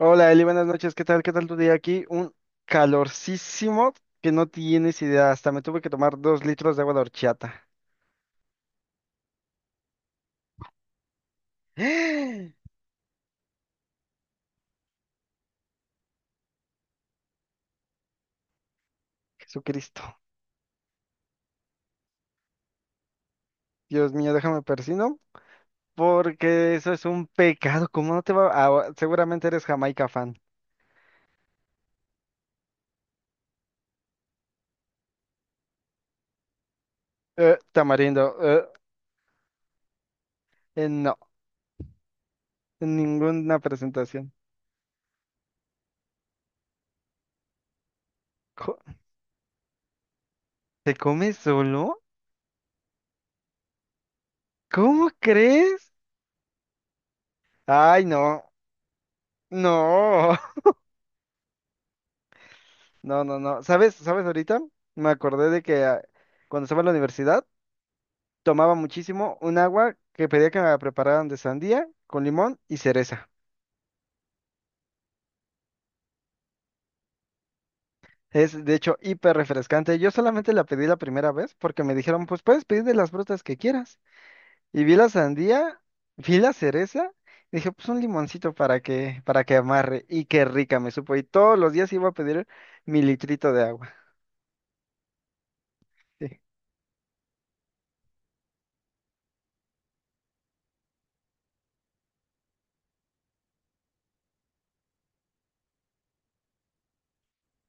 Hola Eli, buenas noches. ¿Qué tal? ¿Qué tal tu día aquí? Un calorcísimo que no tienes idea. Hasta me tuve que tomar 2 litros de agua de horchata. Jesucristo. Dios mío, déjame persino porque eso es un pecado. ¿Cómo no te va? Seguramente eres Jamaica fan. Tamarindo. No, ninguna presentación. Co- ¿Te comes solo? ¿Cómo crees? Ay, no. No. No, no, no. ¿Sabes? ¿Sabes ahorita? Me acordé de que cuando estaba en la universidad tomaba muchísimo un agua que pedía que me prepararan de sandía con limón y cereza. Es de hecho hiper refrescante. Yo solamente la pedí la primera vez porque me dijeron, pues puedes pedir de las frutas que quieras. Y vi la sandía, vi la cereza, y dije, pues un limoncito para que amarre. Y qué rica me supo. Y todos los días iba a pedir mi litrito de agua. Sí.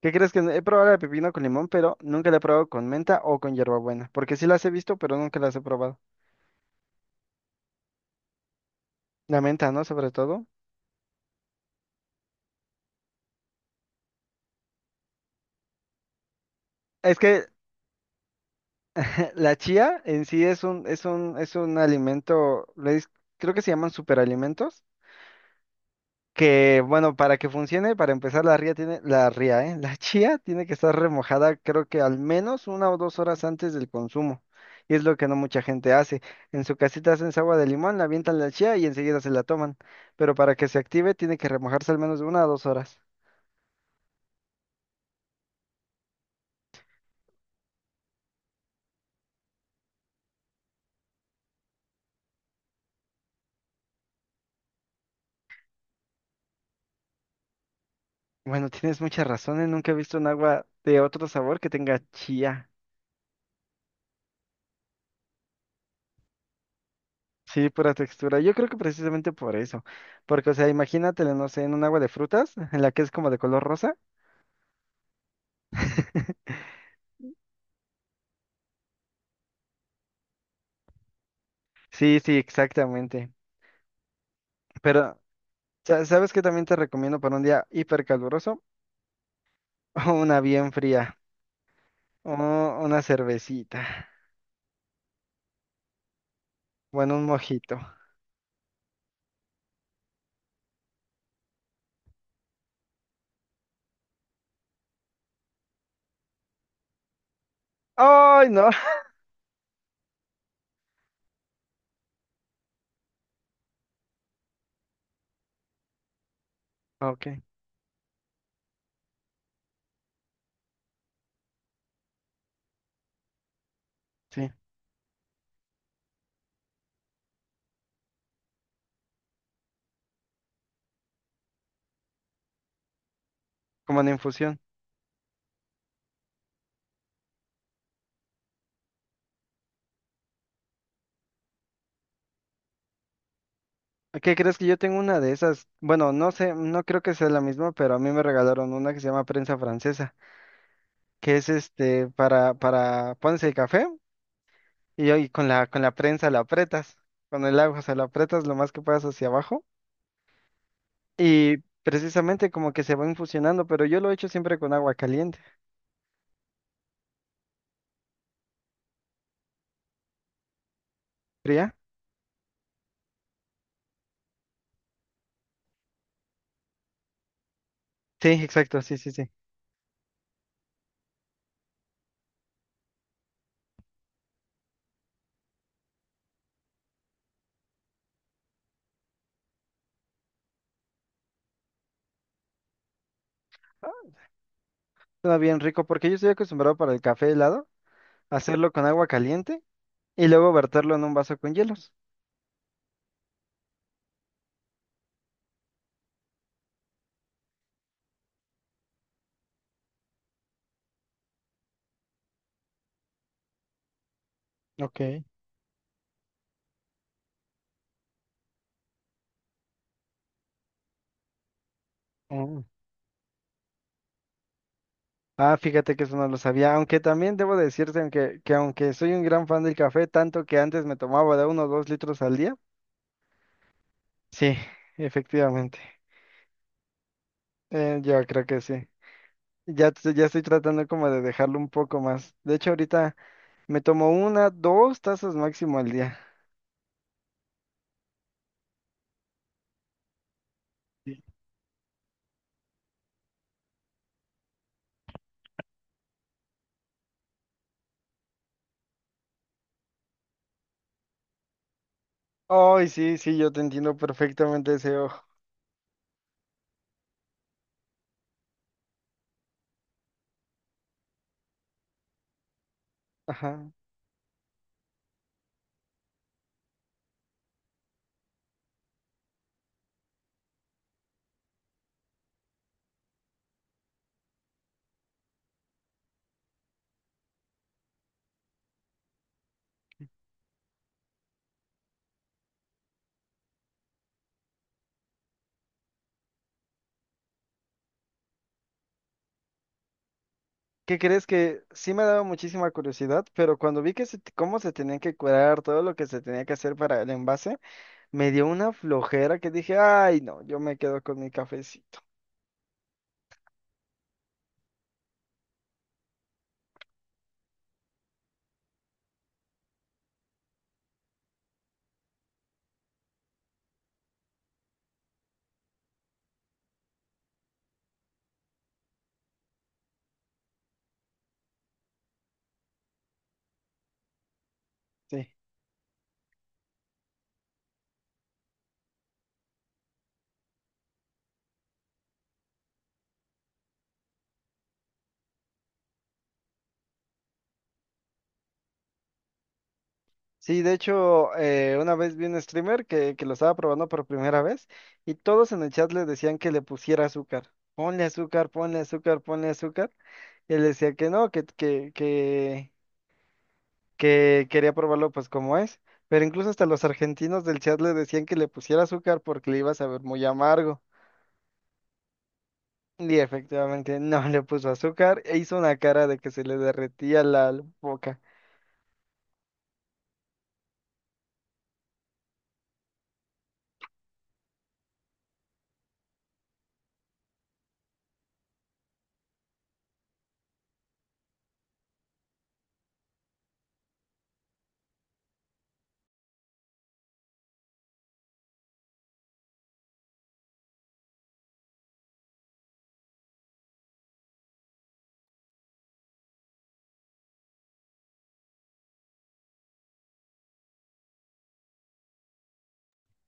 ¿Qué crees que he probado la de pepino con limón, pero nunca la he probado con menta o con hierbabuena? Porque sí las he visto, pero nunca las he probado. La menta, ¿no? Sobre todo. Es que la chía en sí es un alimento, creo que se llaman superalimentos. Que, bueno, para que funcione, para empezar, la ría tiene, la ría, ¿eh? La chía tiene que estar remojada, creo que al menos 1 o 2 horas antes del consumo. Y es lo que no mucha gente hace. En su casita hacen su agua de limón, la avientan la chía y enseguida se la toman. Pero para que se active, tiene que remojarse al menos de 1 o 2 horas. Bueno, tienes mucha razón, ¿eh? Nunca he visto un agua de otro sabor que tenga chía. Sí, pura textura. Yo creo que precisamente por eso. Porque, o sea, imagínatelo, no sé, en un agua de frutas, en la que es como de color rosa. Sí, sí, exactamente. Pero, ¿Sabes qué también te recomiendo para un día hipercaluroso? Una bien fría. O una cervecita. Bueno, un mojito. ¡Ay, no! Ok, sí, como una infusión. ¿Qué crees que yo tengo una de esas? Bueno, no sé, no creo que sea la misma, pero a mí me regalaron una que se llama prensa francesa, que es pones el café y ahí con la prensa la apretas, con el agua, se la apretas lo más que puedas hacia abajo. Y precisamente como que se van fusionando, pero yo lo he hecho siempre con agua caliente. ¿Fría? Sí, exacto, sí, sí, sí. Suena bien rico porque yo estoy acostumbrado para el café helado, hacerlo con agua caliente y luego verterlo en un vaso con hielos. Ok. Mm. Ah, fíjate que eso no lo sabía, aunque también debo decirte aunque, que aunque soy un gran fan del café, tanto que antes me tomaba de 1 o 2 litros al día. Sí, efectivamente. Yo creo que sí. Ya estoy tratando como de dejarlo un poco más. De hecho, ahorita me tomo 1, 2 tazas máximo al día. Sí. Ay, sí, sí, yo te entiendo perfectamente ese ojo. Ajá. ¿Qué crees que sí me daba muchísima curiosidad, pero cuando vi que cómo se tenía que curar, todo lo que se tenía que hacer para el envase, me dio una flojera que dije, ay, no, yo me quedo con mi cafecito? Sí. Sí, de hecho, una vez vi un streamer que lo estaba probando por primera vez y todos en el chat le decían que le pusiera azúcar. Ponle azúcar, ponle azúcar, ponle azúcar. Él decía que no, quería probarlo pues como es. Pero incluso hasta los argentinos del chat le decían que le pusiera azúcar porque le iba a saber muy amargo. Y efectivamente no le puso azúcar e hizo una cara de que se le derretía la boca.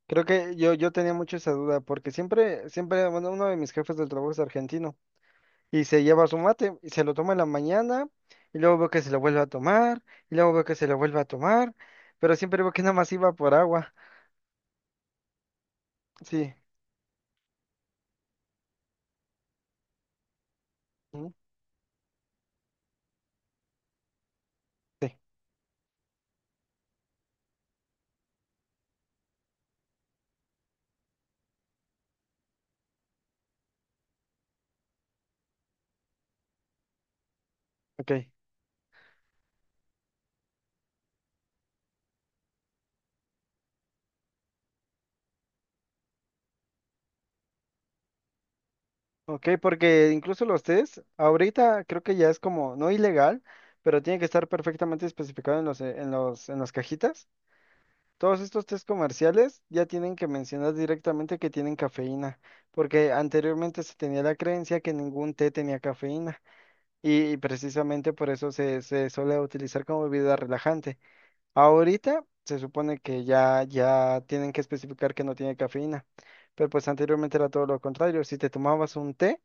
Creo que yo tenía mucho esa duda porque siempre, siempre, bueno, uno de mis jefes del trabajo es argentino y se lleva su mate y se lo toma en la mañana y luego veo que se lo vuelve a tomar y luego veo que se lo vuelve a tomar, pero siempre veo que nada más iba por agua. Sí. Ujú. Sí. Ok, ok, porque incluso los test, ahorita creo que ya es como no ilegal, pero tiene que estar perfectamente especificado en los, en las cajitas. Todos estos test comerciales ya tienen que mencionar directamente que tienen cafeína, porque anteriormente se tenía la creencia que ningún té tenía cafeína y precisamente por eso se suele utilizar como bebida relajante. Ahorita se supone que ya, ya tienen que especificar que no tiene cafeína, pero pues anteriormente era todo lo contrario. Si te tomabas un té,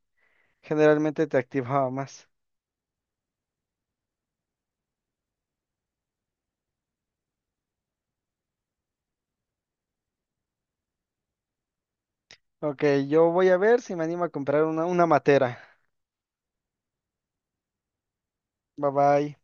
generalmente te activaba más. Ok, yo voy a ver si me animo a comprar una matera. Bye bye.